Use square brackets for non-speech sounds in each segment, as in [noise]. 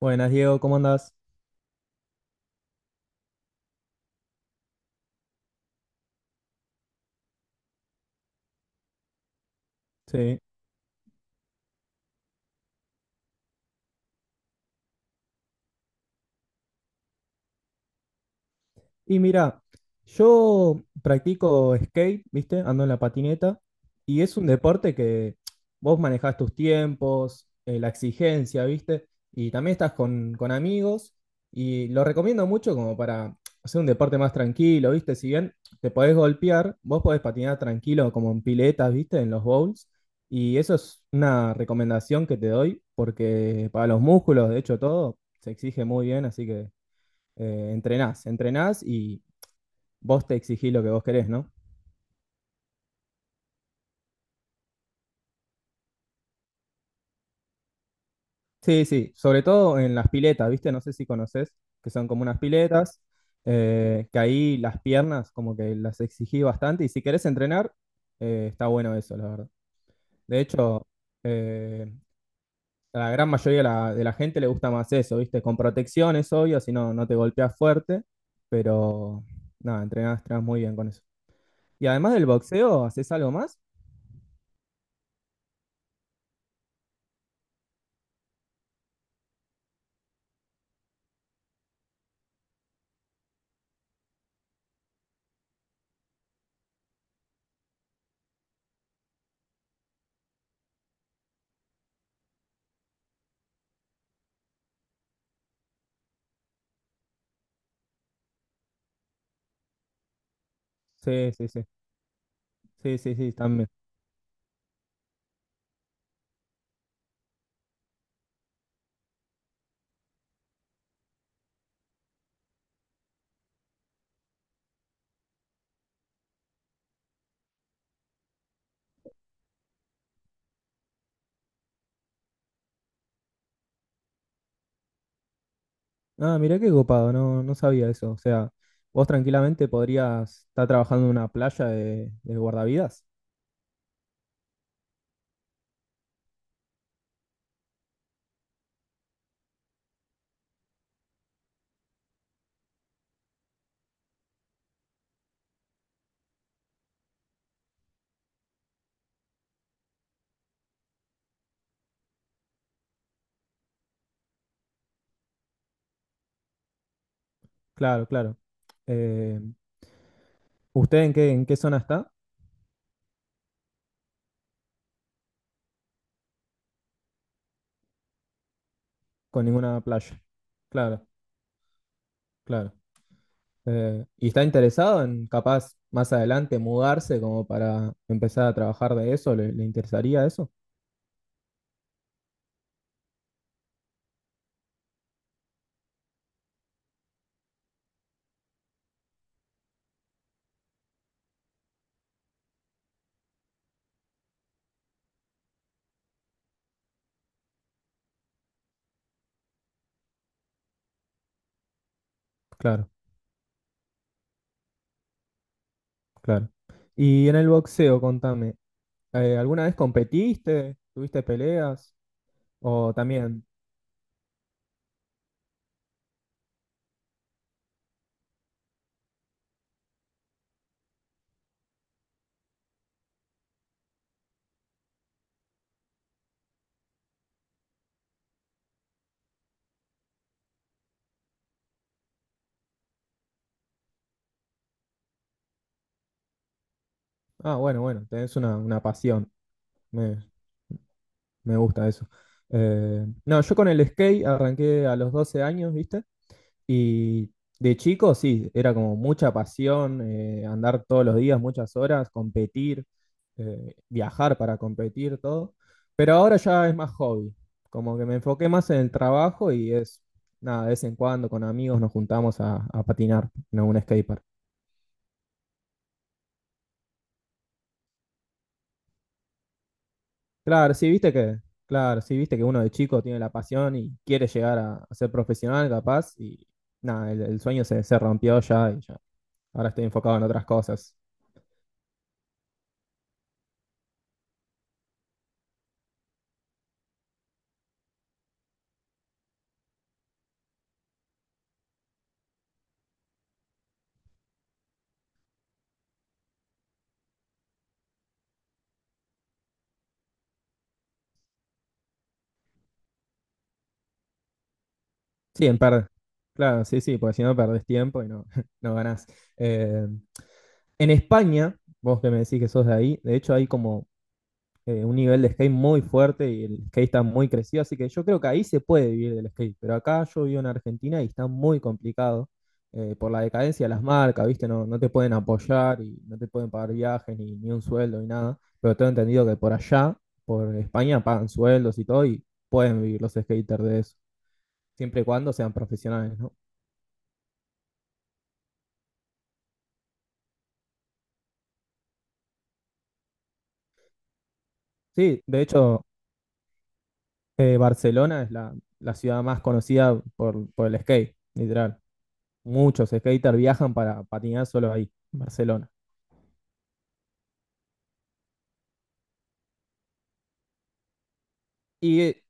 Buenas, Diego, ¿cómo andás? Sí. Y mira, yo practico skate, ¿viste? Ando en la patineta y es un deporte que vos manejás tus tiempos, la exigencia, ¿viste? Y también estás con amigos y lo recomiendo mucho como para hacer un deporte más tranquilo, ¿viste? Si bien te podés golpear, vos podés patinar tranquilo como en piletas, ¿viste? En los bowls. Y eso es una recomendación que te doy porque para los músculos, de hecho, todo se exige muy bien, así que entrenás, entrenás y vos te exigís lo que vos querés, ¿no? Sí, sí, sobre todo en las piletas, ¿viste? No sé si conoces, que son como unas piletas, que ahí las piernas como que las exigí bastante y si querés entrenar, está bueno eso, la verdad. De hecho, eh, a la gran mayoría de la gente le gusta más eso, ¿viste? Con protección es obvio, si no, no te golpeas fuerte, pero nada, entrenás, entrenás muy bien con eso. Y además del boxeo, ¿haces algo más? Sí, sí, sí, sí, sí, sí, también. Ah, mirá qué copado, no, no sabía eso. O sea, vos tranquilamente podrías estar trabajando en una playa de guardavidas. Claro, claro. Eh, ¿Usted en qué zona está? Con ninguna playa. Claro, claro. ¿Y está interesado en capaz más adelante mudarse como para empezar a trabajar de eso? ¿Le interesaría eso? Claro, claro. Y en el boxeo, contame, ¿alguna vez competiste? ¿Tuviste peleas? ¿O también? Ah, bueno, bueno, tenés una pasión. Me, me gusta eso. No, yo con el skate arranqué a los 12 años, ¿viste? Y de chico, sí, era como mucha pasión, andar todos los días, muchas horas, competir, viajar para competir, todo. Pero ahora ya es más hobby. Como que me enfoqué más en el trabajo y es, nada, de vez en cuando con amigos nos juntamos a patinar en un skatepark. Claro, sí, viste que, claro, sí, viste que uno de chico tiene la pasión y quiere llegar a ser profesional, capaz, y nada, el sueño se rompió ya y ya. Ahora estoy enfocado en otras cosas. Sí, en perder. Claro, sí, sí, porque si no perdés tiempo y no, [laughs] no ganás. Eh, en España, vos que me decís que sos de ahí, de hecho hay como un nivel de skate muy fuerte y el skate está muy crecido, así que yo creo que ahí se puede vivir del skate, pero acá yo vivo en Argentina y está muy complicado por la decadencia de las marcas, ¿viste? No, no te pueden apoyar y no te pueden pagar viajes ni un sueldo ni nada, pero tengo entendido que por allá, por España, pagan sueldos y todo y pueden vivir los skaters de eso, siempre y cuando sean profesionales, ¿no? Sí, de hecho, Barcelona es la ciudad más conocida por el skate, literal. Muchos skaters viajan para patinar solo ahí, en Barcelona. Y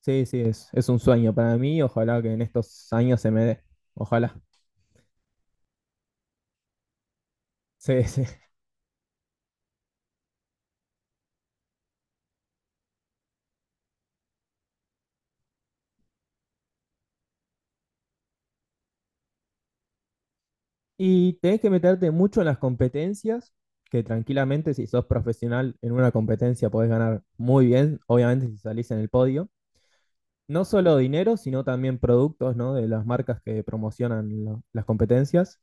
sí, sí, es un sueño para mí. Ojalá que en estos años se me dé. Ojalá. Sí, [laughs] sí. Y tenés que meterte mucho en las competencias, que tranquilamente si sos profesional en una competencia podés ganar muy bien, obviamente si salís en el podio. No solo dinero, sino también productos, ¿no? De las marcas que promocionan las competencias.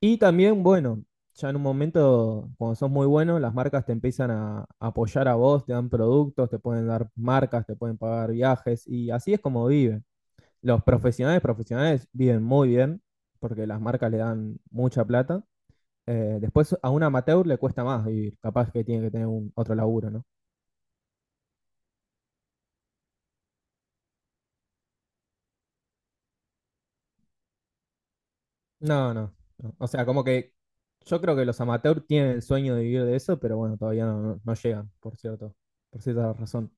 Y también, bueno, ya en un momento, cuando sos muy bueno, las marcas te empiezan a apoyar a vos, te dan productos, te pueden dar marcas, te pueden pagar viajes, y así es como viven. Los profesionales, profesionales viven muy bien, porque las marcas le dan mucha plata. Después a un amateur le cuesta más vivir, capaz que tiene que tener otro laburo, ¿no? No, no, no. O sea, como que yo creo que los amateurs tienen el sueño de vivir de eso, pero bueno, todavía no, no llegan, por cierto, por cierta razón.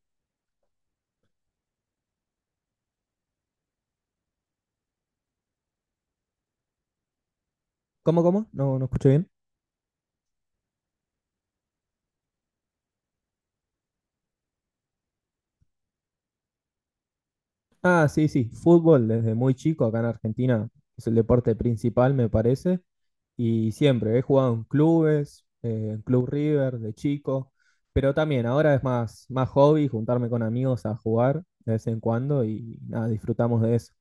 ¿Cómo? No, no escuché bien. Ah, sí, sí, fútbol desde muy chico acá en Argentina es el deporte principal, me parece, y siempre he jugado en clubes, en Club River de chico, pero también ahora es más hobby juntarme con amigos a jugar de vez en cuando y nada, disfrutamos de eso.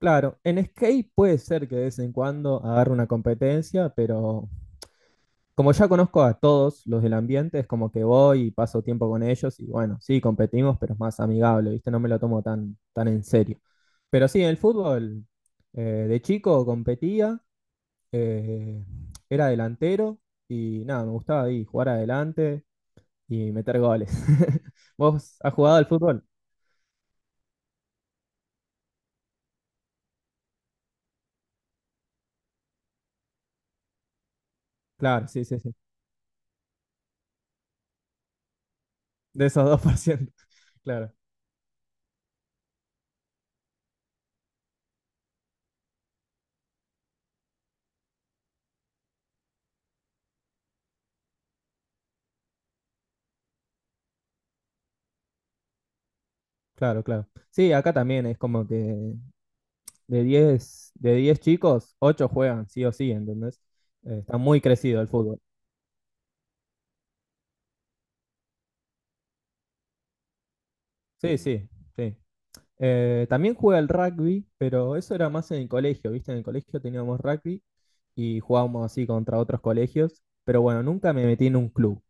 Claro, en skate puede ser que de vez en cuando agarre una competencia, pero como ya conozco a todos los del ambiente, es como que voy y paso tiempo con ellos y bueno, sí, competimos, pero es más amigable, ¿viste? No me lo tomo tan, tan en serio. Pero sí, en el fútbol, eh, de chico competía, eh, era delantero y nada, me gustaba ahí jugar adelante y meter goles. [laughs] ¿Vos has jugado al fútbol? Claro, sí, sí, sí. De esos 2%. [laughs] Claro, claro, claro. Sí, acá también es como que de 10 de 10 chicos, 8 juegan, sí o sí, ¿entendés? Está muy crecido el fútbol. Sí, sí, sí. También juega el rugby, pero eso era más en el colegio, ¿viste? En el colegio teníamos rugby y jugábamos así contra otros colegios, pero bueno, nunca me metí en un club.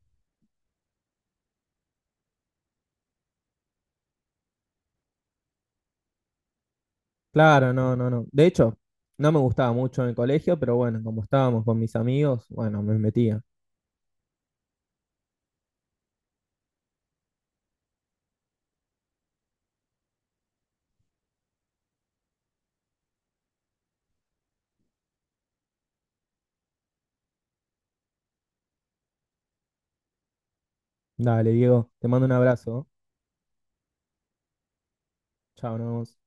Claro, no, no, no. De hecho, no me gustaba mucho en el colegio, pero bueno, como estábamos con mis amigos, bueno, me metía. Dale, Diego, te mando un abrazo, ¿no? Chao, nos vemos.